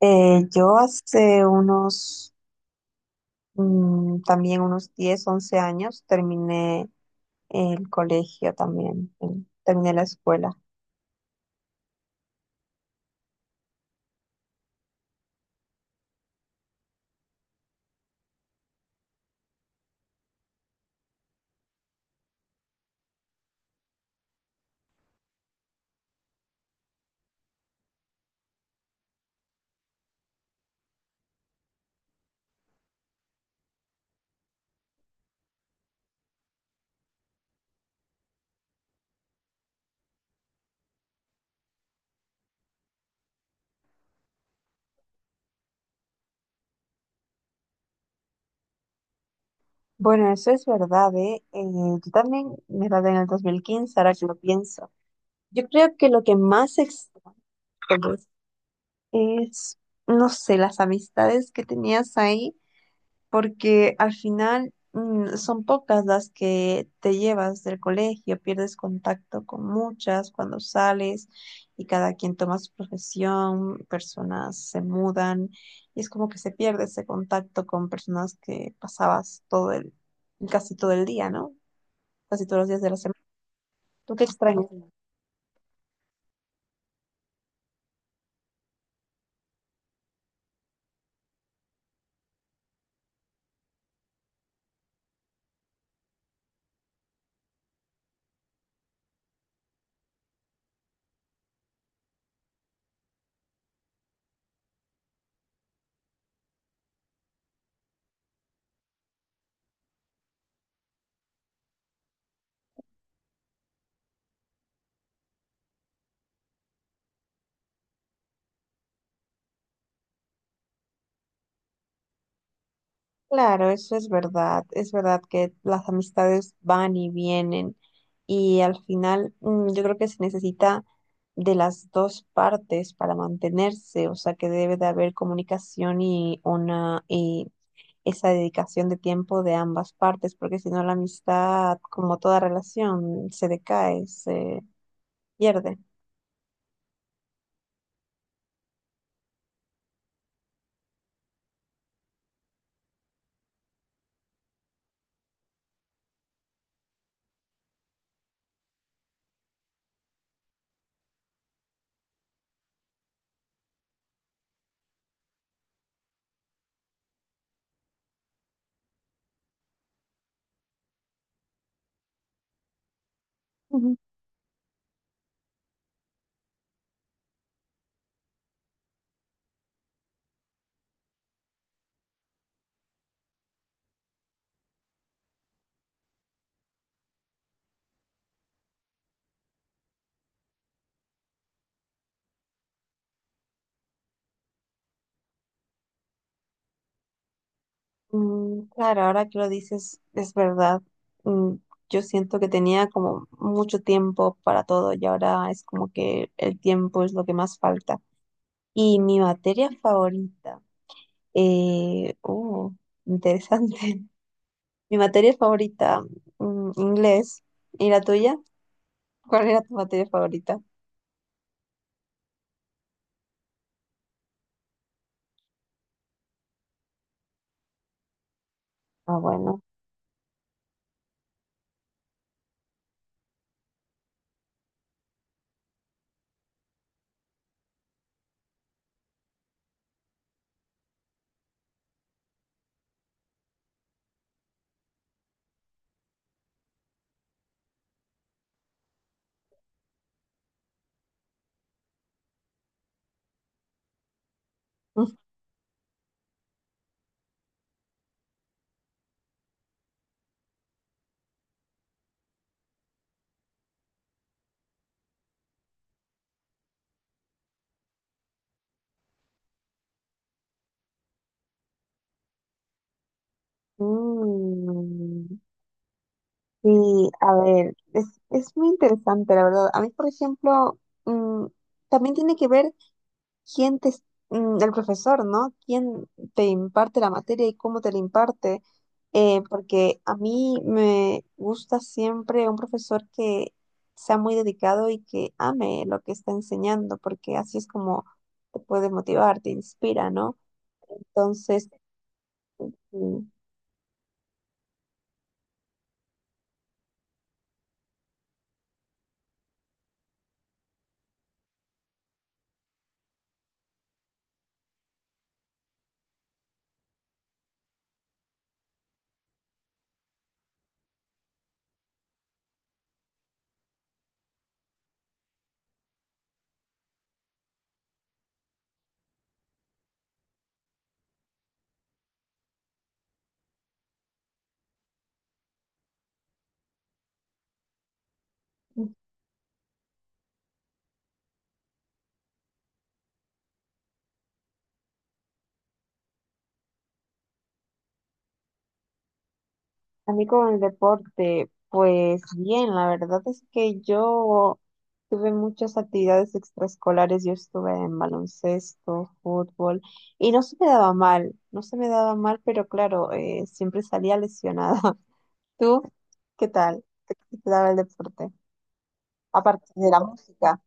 Yo hace también unos 10 u 11 años terminé el colegio también, terminé la escuela. Bueno, eso es verdad, ¿eh? Yo también me gradué en el 2015 ahora que lo pienso. Yo creo que lo que más extraño es, no sé, las amistades que tenías ahí porque al final son pocas las que te llevas del colegio, pierdes contacto con muchas cuando sales y cada quien toma su profesión, personas se mudan y es como que se pierde ese contacto con personas que pasabas casi todo el día, ¿no? Casi todos los días de la semana. ¿Tú qué extrañas? Claro, eso es verdad. Es verdad que las amistades van y vienen y al final yo creo que se necesita de las dos partes para mantenerse, o sea que debe de haber comunicación y esa dedicación de tiempo de ambas partes, porque si no la amistad, como toda relación, se decae, se pierde. Claro, ahora que lo dices, es verdad. Mm, Yo siento que tenía como mucho tiempo para todo y ahora es como que el tiempo es lo que más falta. Y mi materia favorita, oh, interesante. Mi materia favorita, inglés. ¿Y la tuya? ¿Cuál era tu materia favorita? Ah, bueno. Mm, Sí, a ver, es muy interesante, la verdad. A mí, por ejemplo, mm, también tiene que ver. Quién te, es- mm, El profesor, ¿no? ¿Quién te imparte la materia y cómo te la imparte? Porque a mí me gusta siempre un profesor que sea muy dedicado y que ame lo que está enseñando, porque así es como te puede motivar, te inspira, ¿no? Entonces, mm, A mí con el deporte, pues bien, la verdad es que yo tuve muchas actividades extraescolares, yo estuve en baloncesto, fútbol, y no se me daba mal, no se me daba mal, pero claro, siempre salía lesionada. ¿Tú qué tal? Qué te daba el deporte? Aparte de la música,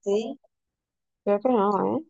¿sí? Creo que no, ¿eh?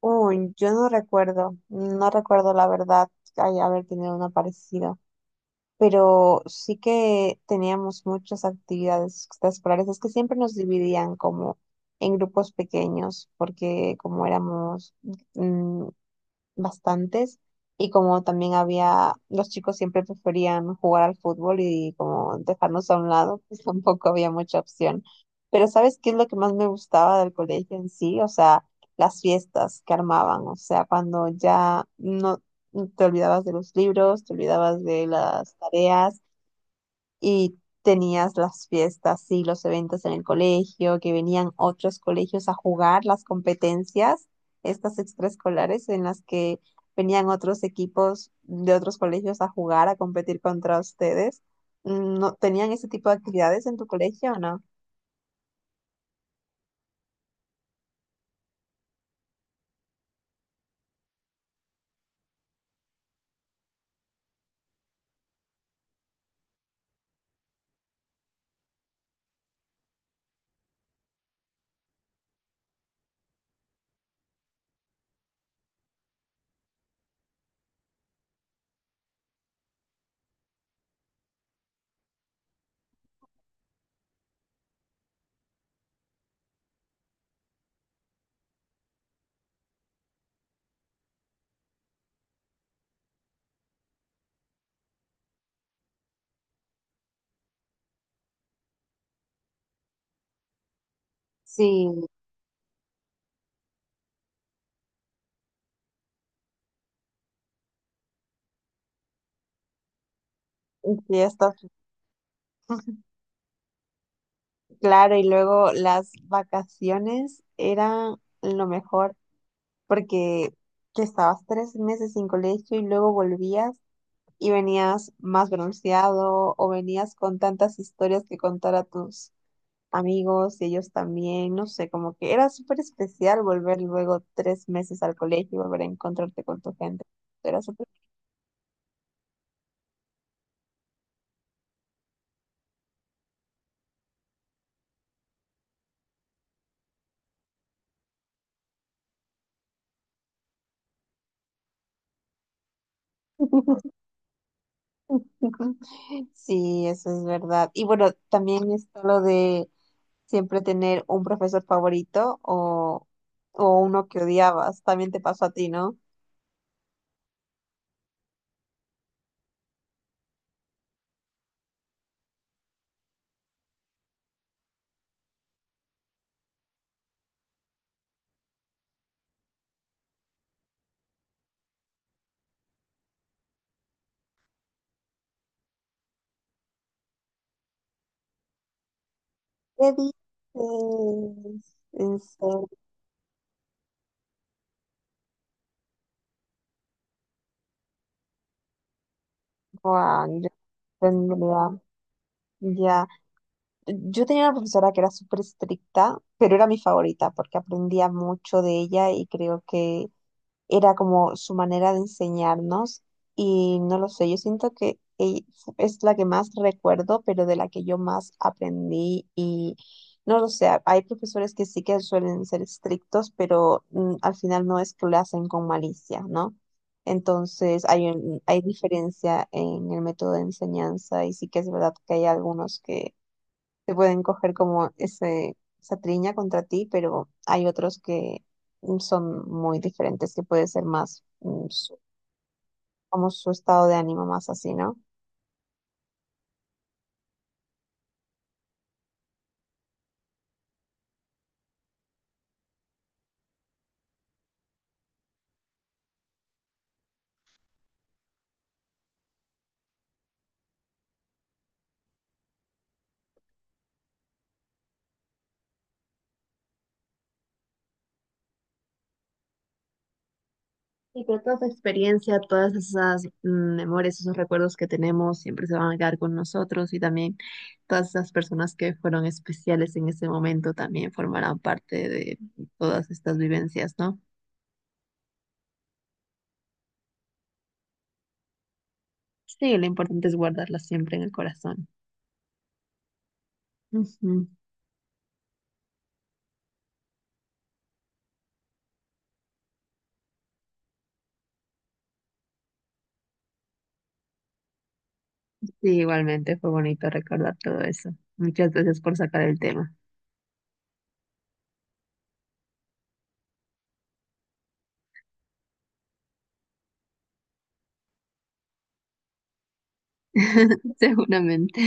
Uy, yo no recuerdo, no recuerdo la verdad, ay, haber tenido una parecida. Pero sí que teníamos muchas actividades extraescolares. Es que siempre nos dividían como en grupos pequeños, porque como éramos mm, bastantes y como también había, los chicos siempre preferían jugar al fútbol y como dejarnos a un lado, pues tampoco había mucha opción. Pero ¿sabes qué es lo que más me gustaba del colegio en sí? O sea, las fiestas que armaban, o sea, cuando ya no te olvidabas de los libros, te olvidabas de las tareas y tenías las fiestas y los eventos en el colegio, que venían otros colegios a jugar las competencias, estas extraescolares en las que venían otros equipos de otros colegios a jugar, a competir contra ustedes. ¿No tenían ese tipo de actividades en tu colegio o no? Sí, y fiestas. Claro, y luego las vacaciones eran lo mejor porque que estabas 3 meses sin colegio y luego volvías y venías más bronceado o venías con tantas historias que contar a tus amigos y ellos también, no sé, como que era súper especial volver luego 3 meses al colegio y volver a encontrarte con tu gente. Era súper... Sí, eso es verdad. Y bueno, también está lo de siempre tener un profesor favorito o uno que odiabas. También te pasó a ti, ¿no? ¿Qué dices? En serio, Juan, yo no tengo idea. Ya, yo tenía una profesora que era súper estricta, pero era mi favorita porque aprendía mucho de ella y creo que era como su manera de enseñarnos y no lo sé, yo siento que es la que más recuerdo, pero de la que yo más aprendí y no lo sé, hay profesores que sí que suelen ser estrictos, pero al final no es que lo hacen con malicia, ¿no? Entonces hay diferencia en el método de enseñanza y sí que es verdad que hay algunos que te pueden coger como esa triña contra ti, pero hay otros que son muy diferentes, que puede ser más como su estado de ánimo más así, ¿no? Sí, pero toda esa experiencia, todas esas memorias, esos recuerdos que tenemos siempre se van a quedar con nosotros y también todas esas personas que fueron especiales en ese momento también formarán parte de todas estas vivencias, ¿no? Sí, lo importante es guardarlas siempre en el corazón. Ujú. Sí, igualmente fue bonito recordar todo eso. Muchas gracias por sacar el tema. Seguramente.